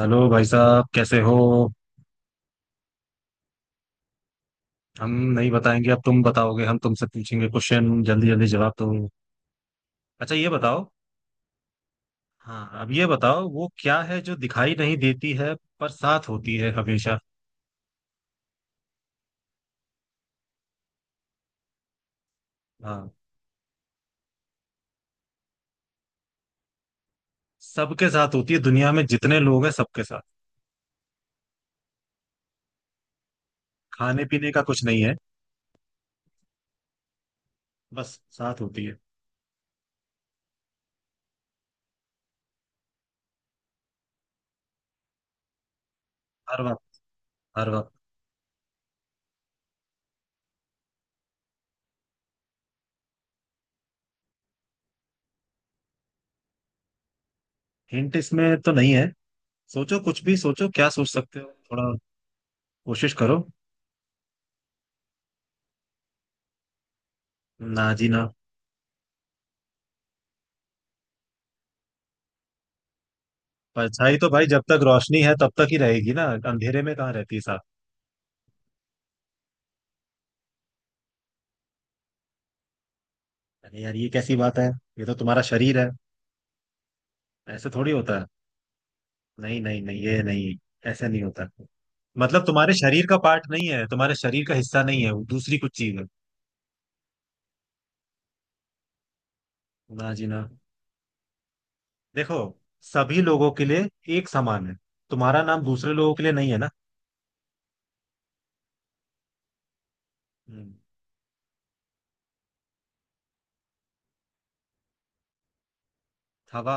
Hello भाई साहब, कैसे हो। हम नहीं बताएंगे, अब तुम बताओगे। हम तुमसे पूछेंगे क्वेश्चन, जल्दी जल्दी जवाब दो। अच्छा, ये बताओ। हाँ, अब ये बताओ, वो क्या है जो दिखाई नहीं देती है, पर साथ होती है हमेशा। हाँ, सबके साथ होती है, दुनिया में जितने लोग हैं सबके साथ। खाने पीने का कुछ नहीं है, बस साथ होती है। हर वक्त। हर वक्त। हिंट इसमें तो नहीं है। सोचो, कुछ भी सोचो, क्या सोच सकते हो थोड़ा। कोशिश करो। ना जी ना। परछाई तो भाई जब तक रोशनी है तब तक ही रहेगी ना। अंधेरे में कहाँ रहती है साथ। अरे यार, ये कैसी बात है। ये तो तुम्हारा शरीर है। ऐसे थोड़ी होता है। नहीं नहीं नहीं, ये नहीं। ऐसे नहीं होता। मतलब तुम्हारे शरीर का पार्ट नहीं है, तुम्हारे शरीर का हिस्सा नहीं है, वो दूसरी कुछ चीज है। ना जी ना। देखो, सभी लोगों के लिए एक समान है। तुम्हारा नाम दूसरे लोगों के लिए नहीं है ना। हम्म, हवा।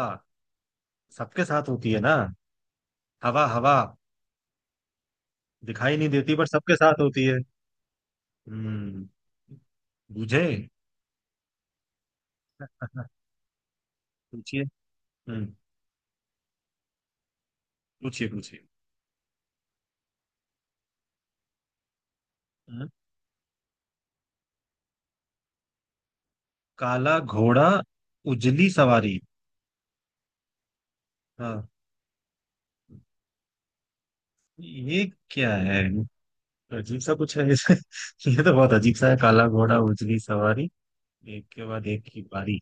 सबके साथ होती है ना। हवा हवा। दिखाई नहीं देती पर सबके साथ होती है। हम्म। बुझे। पूछिए। हम्म। पूछिए पूछिए। हम्म, काला घोड़ा उजली सवारी। हाँ, ये क्या है। अजीब सा कुछ है जैसे ये तो बहुत अजीब सा है। काला घोड़ा उजली सवारी, एक के बाद एक की बारी।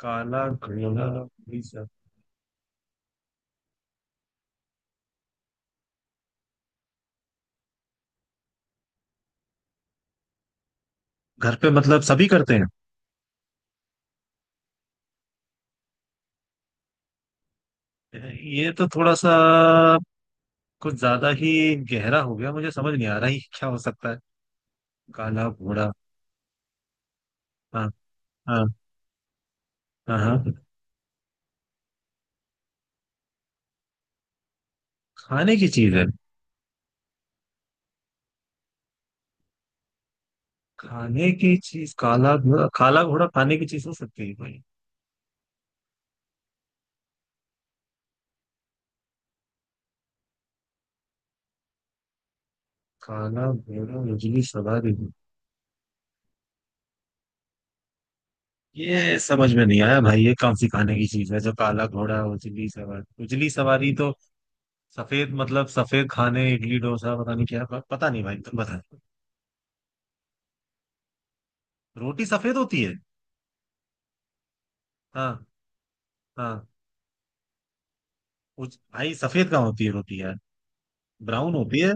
काला घोड़ा उजली सवारी। घर पे मतलब सभी करते हैं। ये तो थोड़ा सा कुछ ज्यादा ही गहरा हो गया, मुझे समझ नहीं आ रहा है क्या हो सकता है। काला घोड़ा। हाँ। हाँ। हाँ हाँ। खाने की चीज है। खाने की चीज, काला घोड़ा, काला घोड़ा खाने की चीज हो सकती है भाई। काला घोड़ा उजली सवारी। ये समझ में नहीं आया भाई, ये कौन सी खाने की चीज है जो काला घोड़ा उजली सवारी, उजली सवारी तो सफेद, मतलब सफेद खाने इडली डोसा पता नहीं क्या पता नहीं भाई, तुम बता। रोटी सफेद होती है। हाँ। हाँ। भाई सफेद कहाँ होती है रोटी यार। ब्राउन होती है।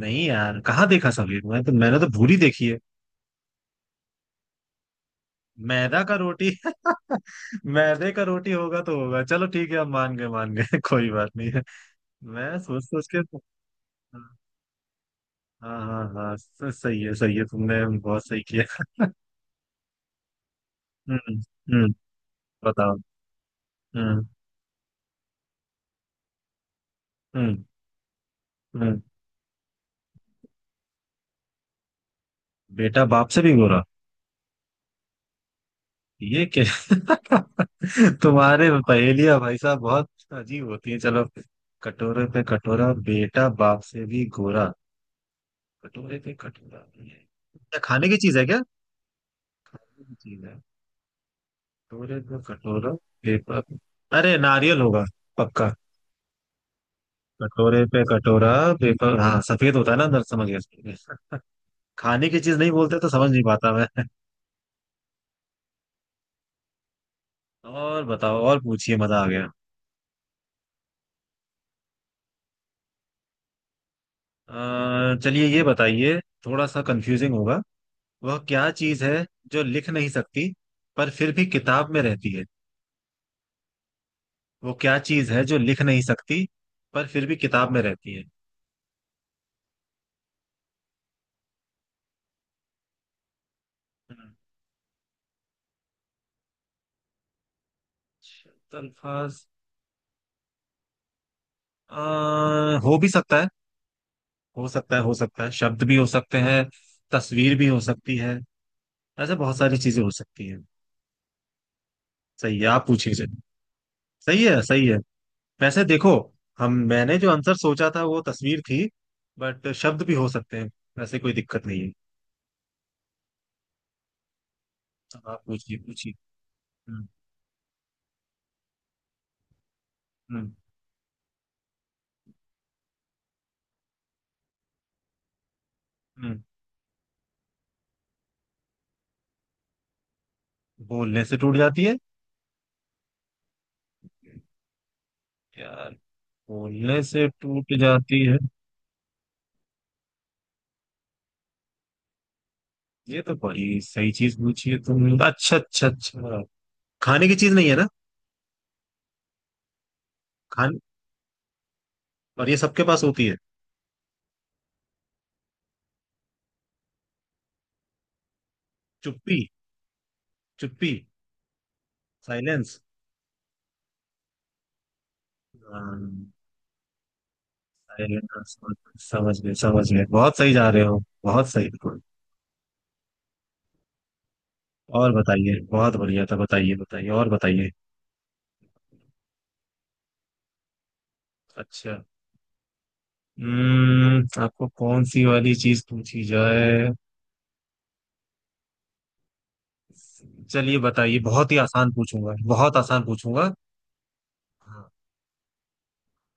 नहीं यार, कहाँ देखा सफेद, मैं तो मैंने तो भूरी देखी है। मैदा का रोटी। मैदे का रोटी होगा तो होगा, चलो ठीक है, हम मान गए, मान गए कोई बात नहीं है। मैं सोच सोच के। हाँ। हाँ हाँ हाँ, सही है, सही है, तुमने बहुत सही किया। हम्म। हम्म। बताओ। हम्म। हम्म। हम्म। बेटा बाप से भी गोरा। ये क्या। तुम्हारे पहेलियां भाई साहब बहुत अजीब होती है। चलो, कटोरे पे कटोरा बेटा बाप से भी गोरा। कटोरे पे कटोरा ये क्या। खाने की चीज है क्या। चीज है। कटोरे पे कटोरा। पेपर। अरे नारियल होगा, पक्का। कटोरे पे कटोरा पेपर, हाँ सफेद होता है ना अंदर, समझ गया। खाने की चीज नहीं बोलते तो समझ नहीं पाता मैं। और बताओ, और पूछिए, मजा आ गया। चलिए ये बताइए, थोड़ा सा कंफ्यूजिंग होगा। वह क्या चीज है जो लिख नहीं सकती पर फिर भी किताब में रहती है। वो क्या चीज है जो लिख नहीं सकती पर फिर भी किताब में रहती है। शब्द अल्फाज। हो भी सकता है। हो सकता है, हो सकता है, शब्द भी हो सकते हैं। तस्वीर भी हो सकती है। ऐसे बहुत सारी चीजें हो सकती हैं। सही है, आप पूछिए। सही है, सही है। वैसे देखो, हम मैंने जो आंसर सोचा था वो तस्वीर थी। बट शब्द भी हो सकते हैं, वैसे कोई दिक्कत नहीं है। अब आप पूछिए पूछिए। हम्म। हम्म। हम्म। बोलने से टूट जाती है। यार, बोलने से टूट जाती है। ये तो बड़ी सही चीज पूछी है तुमने, अच्छा अच्छा अच्छा। खाने की चीज नहीं है ना। खान, और ये सबके पास होती है। चुप्पी। चुप्पी। साइलेंस। साइलेंस। समझ गए, समझ गए, बहुत सही जा रहे हो, बहुत सही। और बताइए, बहुत बढ़िया था, बताइए बताइए और बताइए। अच्छा। हम्म, आपको कौन सी वाली चीज पूछी जाए। चलिए बताइए, बहुत ही आसान पूछूंगा, बहुत आसान पूछूंगा। हाँ,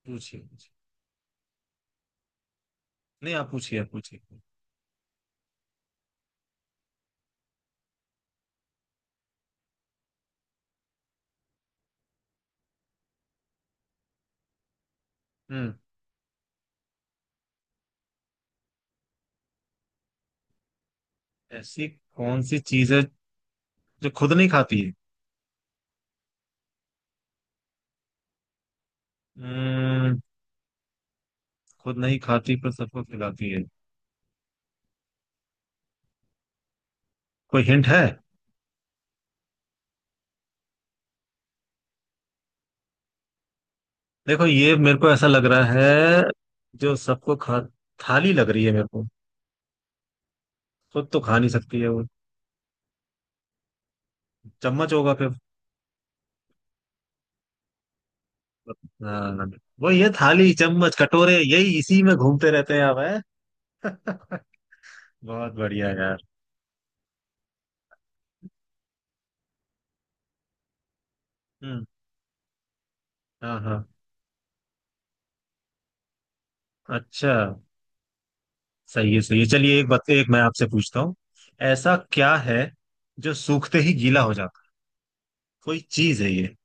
पूछिए पूछिए। नहीं, आप पूछिए, आप पूछिए। हम्म। ऐसी कौन सी चीज है जो खुद नहीं खाती है। हम्म। खुद नहीं खाती पर सबको खिलाती है। कोई हिंट है। देखो, ये मेरे को ऐसा लग रहा है, जो सबको खा, थाली लग रही है मेरे को। खुद तो खा नहीं सकती है वो। चम्मच होगा फिर। हाँ। वो ये थाली चम्मच कटोरे यही इसी में घूमते रहते हैं हम हैं? बहुत बढ़िया यार। हम्म। हाँ हाँ। अच्छा, सही है, सही है, चलिए एक बात, एक मैं आपसे पूछता हूँ। ऐसा क्या है जो सूखते ही गीला हो जाता है। कोई चीज है ये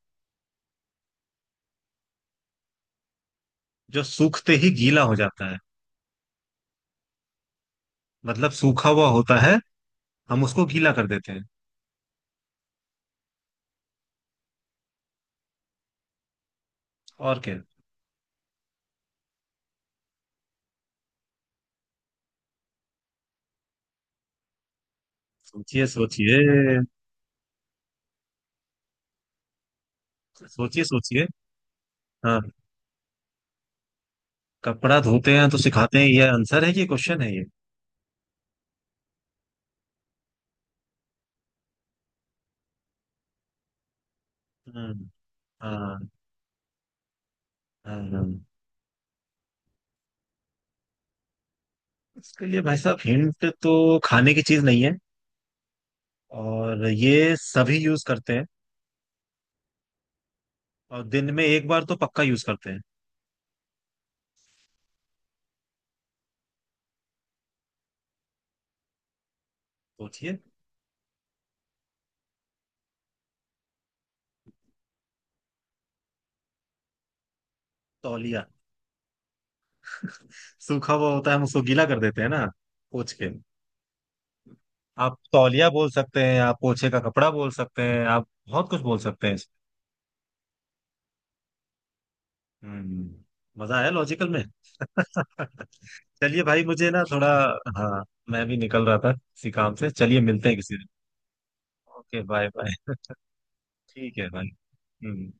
जो सूखते ही गीला हो जाता है। मतलब सूखा हुआ होता है, हम उसको गीला कर देते हैं। और क्या। सोचिए सोचिए। सोचिए सोचिए। हाँ। कपड़ा धोते हैं तो सिखाते हैं, ये आंसर है कि क्वेश्चन है ये। हम्म। हाँ। अम, इसके लिए भाई साहब हिंट तो, खाने की चीज नहीं है और ये सभी यूज करते हैं, और दिन में एक बार तो पक्का यूज करते हैं। सोचिए। तौलिया। सूखा हुआ होता है, हम उसको गीला कर देते हैं ना, पोंछ के। आप तौलिया बोल सकते हैं, आप पोछे का कपड़ा बोल सकते हैं, आप बहुत कुछ बोल सकते हैं। हम्म, मजा आया लॉजिकल में। चलिए भाई, मुझे ना थोड़ा। हाँ, मैं भी निकल रहा था किसी काम से, चलिए मिलते हैं किसी दिन। Okay, bye bye. ठीक है भाई। हम्म।